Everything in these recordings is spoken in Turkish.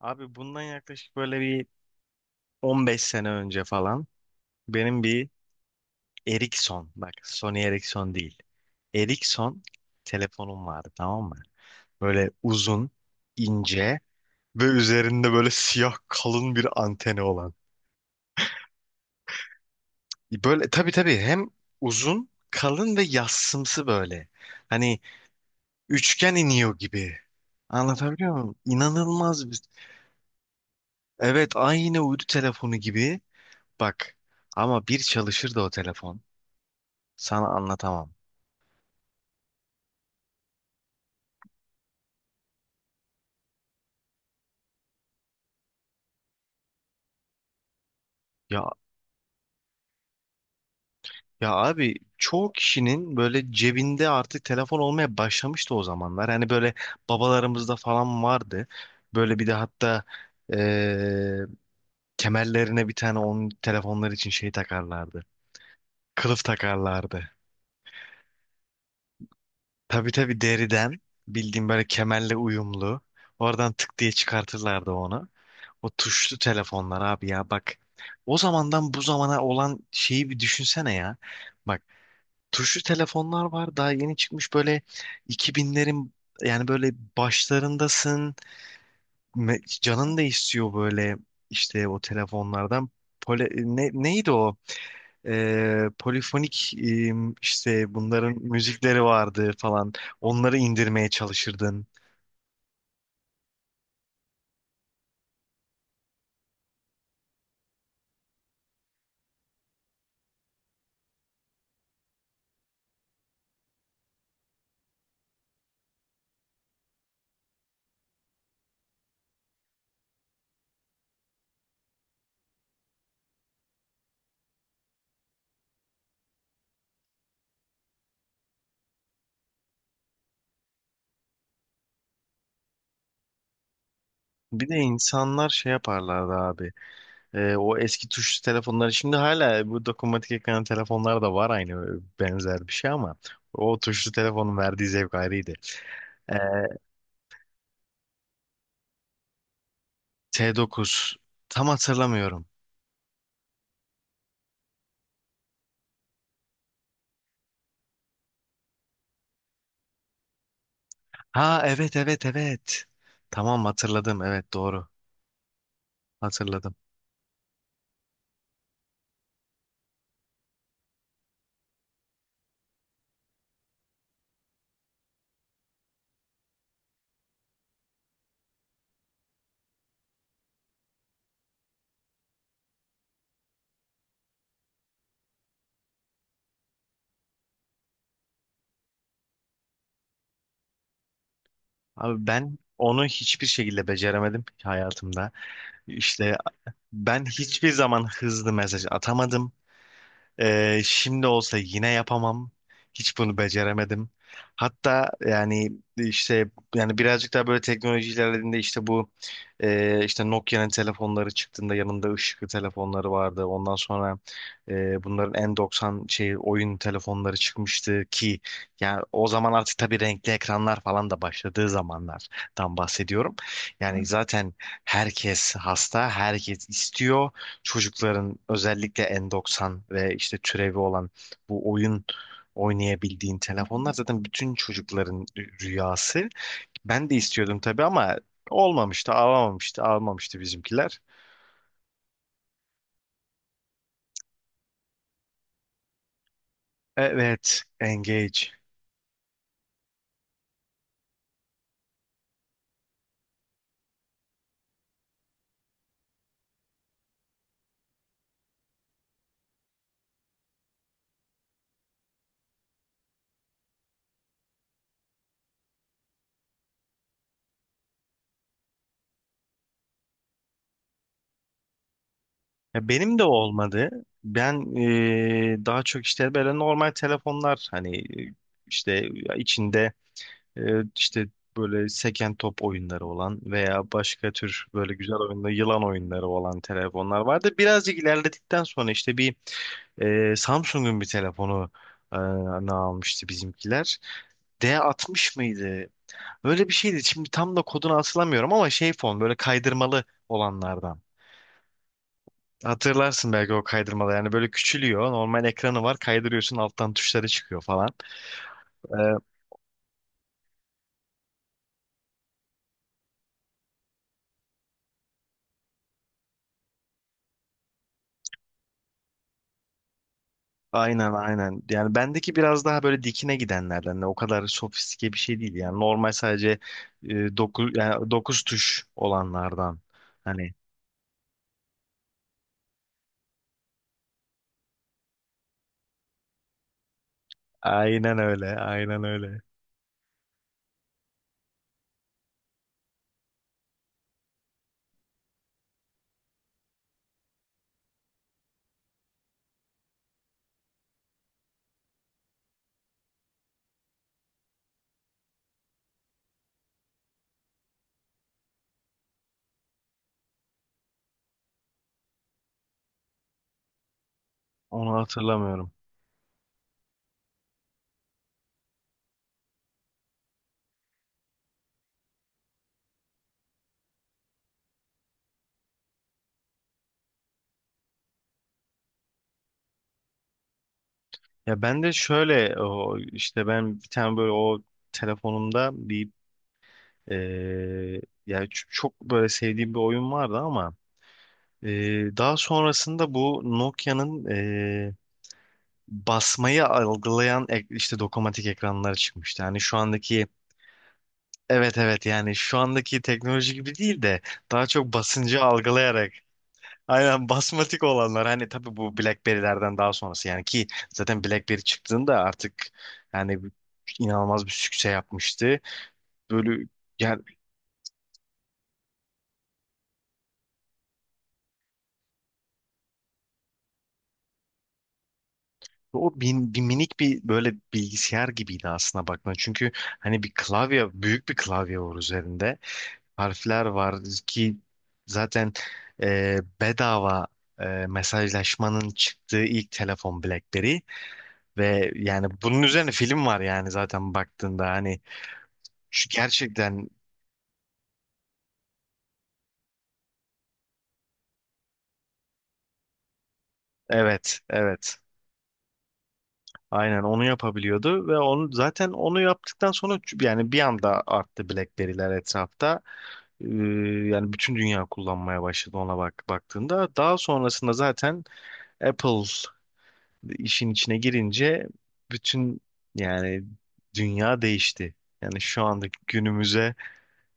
Abi bundan yaklaşık böyle bir 15 sene önce falan benim bir Ericsson, bak, Sony Ericsson değil. Ericsson telefonum vardı, tamam mı? Böyle uzun, ince ve üzerinde böyle siyah kalın bir anteni olan. Böyle tabii tabii, hem uzun, kalın ve yassımsı böyle. Hani üçgen iniyor gibi. Anlatabiliyor muyum? İnanılmaz bir... Evet, aynı uydu telefonu gibi. Bak, ama bir çalışırdı o telefon. Sana anlatamam. Ya ya abi, çoğu kişinin böyle cebinde artık telefon olmaya başlamıştı o zamanlar. Hani böyle babalarımızda falan vardı. Böyle bir de hatta, eee, kemerlerine bir tane onun telefonlar için şey takarlardı. Kılıf takarlardı. Tabii tabii deriden, bildiğim böyle kemerle uyumlu. Oradan tık diye çıkartırlardı onu. O tuşlu telefonlar abi ya, bak. O zamandan bu zamana olan şeyi bir düşünsene ya. Bak, tuşlu telefonlar var, daha yeni çıkmış, böyle 2000'lerin yani böyle başlarındasın, canın da istiyor böyle işte o telefonlardan. Neydi o? Polifonik, işte bunların müzikleri vardı falan, onları indirmeye çalışırdın. Bir de insanlar şey yaparlardı abi. O eski tuşlu telefonları şimdi hala, bu dokunmatik ekranlı telefonlar da var, aynı benzer bir şey, ama o tuşlu telefonun verdiği zevk ayrıydı. T9. Tam hatırlamıyorum. Ha evet evet evet. Tamam, hatırladım. Evet, doğru. Hatırladım. Abi, ben onu hiçbir şekilde beceremedim hayatımda. İşte ben hiçbir zaman hızlı mesaj atamadım. Şimdi olsa yine yapamam. Hiç bunu beceremedim. Hatta yani işte, yani birazcık daha böyle teknoloji ilerlediğinde, işte bu işte Nokia'nın telefonları çıktığında yanında ışıklı telefonları vardı. Ondan sonra bunların N90 şey oyun telefonları çıkmıştı ki, yani o zaman artık tabii renkli ekranlar falan da başladığı zamanlardan bahsediyorum. Yani zaten herkes hasta, herkes istiyor, çocukların özellikle N90 ve işte türevi olan bu oyun oynayabildiğin telefonlar zaten bütün çocukların rüyası. Ben de istiyordum tabii, ama olmamıştı, alamamıştı, almamıştı bizimkiler. Evet, Engage. Ya benim de olmadı. Ben daha çok işte böyle normal telefonlar, hani işte içinde, işte böyle seken top oyunları olan veya başka tür böyle güzel oyunlu, yılan oyunları olan telefonlar vardı. Birazcık ilerledikten sonra işte bir Samsung'un bir telefonu, e, ne almıştı bizimkiler. D60 mıydı? Öyle bir şeydi. Şimdi tam da kodunu hatırlamıyorum, ama şey fon böyle kaydırmalı olanlardan. Hatırlarsın belki o kaydırmalı, yani böyle küçülüyor. Normal ekranı var, kaydırıyorsun alttan tuşları çıkıyor falan. Ee, Aynen aynen. Yani bendeki biraz daha böyle dikine gidenlerden. Hani o kadar sofistike bir şey değil. Yani normal sadece yani dokuz tuş olanlardan. Hani aynen öyle. Aynen öyle. Onu hatırlamıyorum. Ya ben de şöyle, o işte ben bir tane böyle o telefonumda bir, e, yani çok böyle sevdiğim bir oyun vardı, ama daha sonrasında bu Nokia'nın, e, basmayı algılayan işte dokunmatik ekranlar çıkmıştı. Yani şu andaki, evet evet, yani şu andaki teknoloji gibi değil de daha çok basıncı algılayarak aynen basmatik olanlar, hani tabii bu BlackBerry'lerden daha sonrası, yani ki zaten BlackBerry çıktığında artık, yani inanılmaz bir sükse yapmıştı. Böyle yani, o bin, bir minik bir böyle bilgisayar gibiydi aslına bakma. Çünkü hani bir klavye, büyük bir klavye var üzerinde. Harfler var ki zaten bedava mesajlaşmanın çıktığı ilk telefon BlackBerry, ve yani bunun üzerine film var, yani zaten baktığında, hani şu gerçekten, evet evet. Aynen onu yapabiliyordu ve onu, zaten onu yaptıktan sonra yani bir anda arttı BlackBerry'ler etrafta. Ee, yani bütün dünya kullanmaya başladı ona bak baktığında. Daha sonrasında zaten Apple işin içine girince bütün, yani dünya değişti. Yani şu andaki günümüze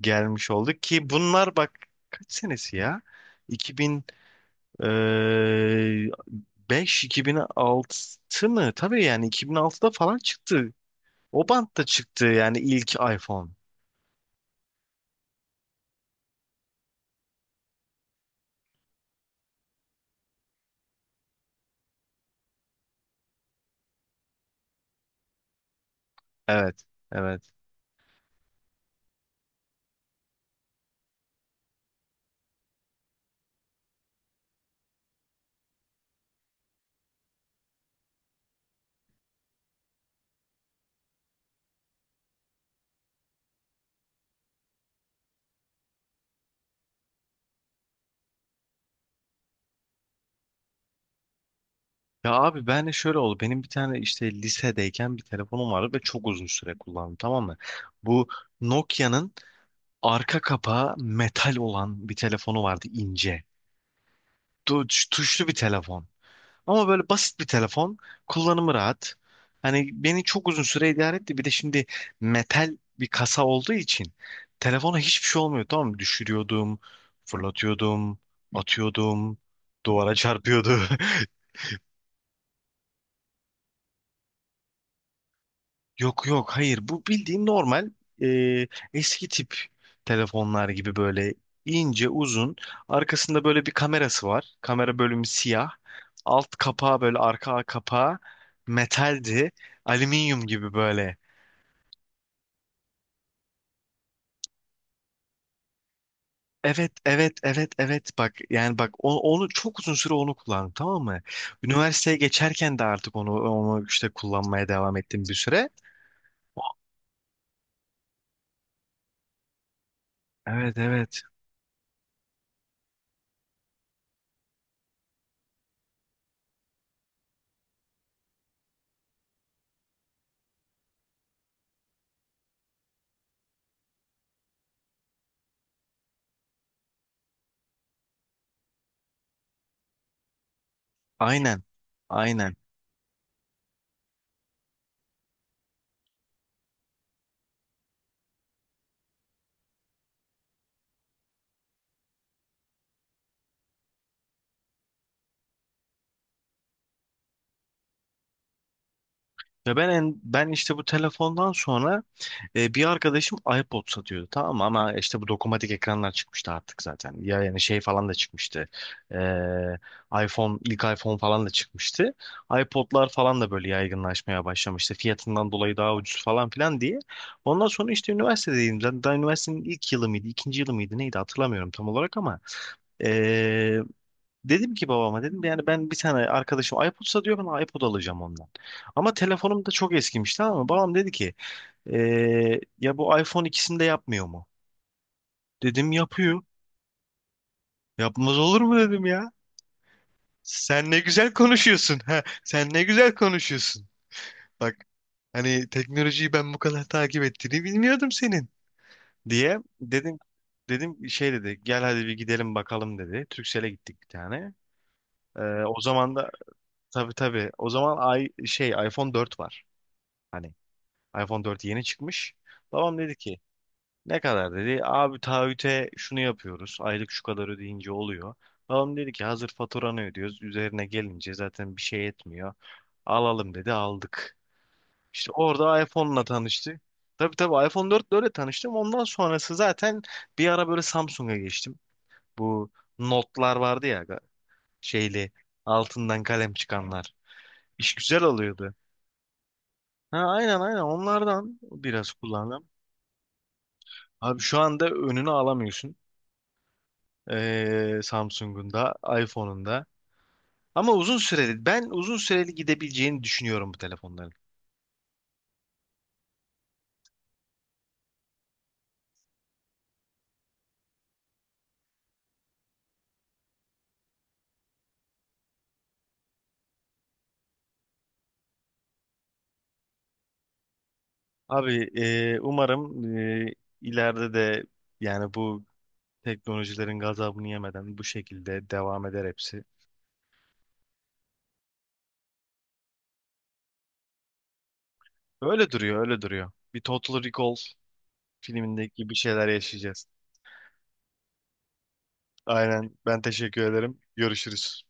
gelmiş olduk ki bunlar, bak kaç senesi ya? 2005 2006 mı? Tabii yani 2006'da falan çıktı, o bantta çıktı yani ilk iPhone. Evet, evet. Ya abi, ben de şöyle oldu. Benim bir tane işte lisedeyken bir telefonum vardı ve çok uzun süre kullandım, tamam mı? Bu Nokia'nın arka kapağı metal olan bir telefonu vardı, ince. Tuşlu bir telefon. Ama böyle basit bir telefon. Kullanımı rahat. Hani beni çok uzun süre idare etti. Bir de şimdi metal bir kasa olduğu için telefona hiçbir şey olmuyor. Tamam mı? Düşürüyordum, fırlatıyordum, atıyordum, duvara çarpıyordu. Yok yok, hayır, bu bildiğin normal e, eski tip telefonlar gibi, böyle ince uzun, arkasında böyle bir kamerası var, kamera bölümü siyah, alt kapağı böyle arka kapağı metaldi, alüminyum gibi böyle. Evet evet evet evet, bak yani bak, onu çok uzun süre onu kullandım, tamam mı? Üniversiteye geçerken de artık onu işte kullanmaya devam ettim bir süre. Evet evet aynen aynen. Ve ben işte bu telefondan sonra bir arkadaşım iPod satıyordu, tamam mı? Ama işte bu dokunmatik ekranlar çıkmıştı artık zaten. Ya yani şey falan da çıkmıştı. E, iPhone, ilk iPhone falan da çıkmıştı. iPod'lar falan da böyle yaygınlaşmaya başlamıştı. Fiyatından dolayı daha ucuz falan filan diye. Ondan sonra işte üniversitedeydim. Zaten daha üniversitenin ilk yılı mıydı, ikinci yılı mıydı, neydi hatırlamıyorum tam olarak, ama e, dedim ki, babama dedim yani, ben bir tane arkadaşım iPod satıyor, ben iPod alacağım ondan. Ama telefonum da çok eskimiş, tamam mı? Babam dedi ki, ya bu iPhone ikisini de yapmıyor mu? Dedim, yapıyor. Yapmaz olur mu dedim ya. Sen ne güzel konuşuyorsun. Ha, sen ne güzel konuşuyorsun. Bak, hani teknolojiyi ben bu kadar takip ettiğini bilmiyordum senin, diye dedim. Dedim, şey dedi, gel hadi bir gidelim bakalım, dedi. Turkcell'e gittik bir tane. Ee, o zaman da tabii tabii, o zaman ay, şey iPhone 4 var. Hani iPhone 4 yeni çıkmış. Babam dedi ki, ne kadar dedi? Abi taahhüte şunu yapıyoruz. Aylık şu kadar ödeyince oluyor. Babam dedi ki, hazır faturanı ödüyoruz. Üzerine gelince zaten bir şey etmiyor. Alalım dedi, aldık. İşte orada iPhone'la tanıştı. Tabii tabii iPhone 4 öyle tanıştım. Ondan sonrası zaten bir ara böyle Samsung'a geçtim. Bu notlar vardı ya, şeyli, altından kalem çıkanlar. İş güzel oluyordu. Ha, aynen aynen onlardan biraz kullandım. Abi şu anda önünü alamıyorsun. Samsung'un da iPhone'un da. Ama uzun süreli, ben uzun süreli gidebileceğini düşünüyorum bu telefonların. Abi umarım ileride de yani bu teknolojilerin gazabını yemeden bu şekilde devam eder hepsi. Öyle duruyor, öyle duruyor. Bir Total Recall filmindeki gibi şeyler yaşayacağız. Aynen. Ben teşekkür ederim. Görüşürüz.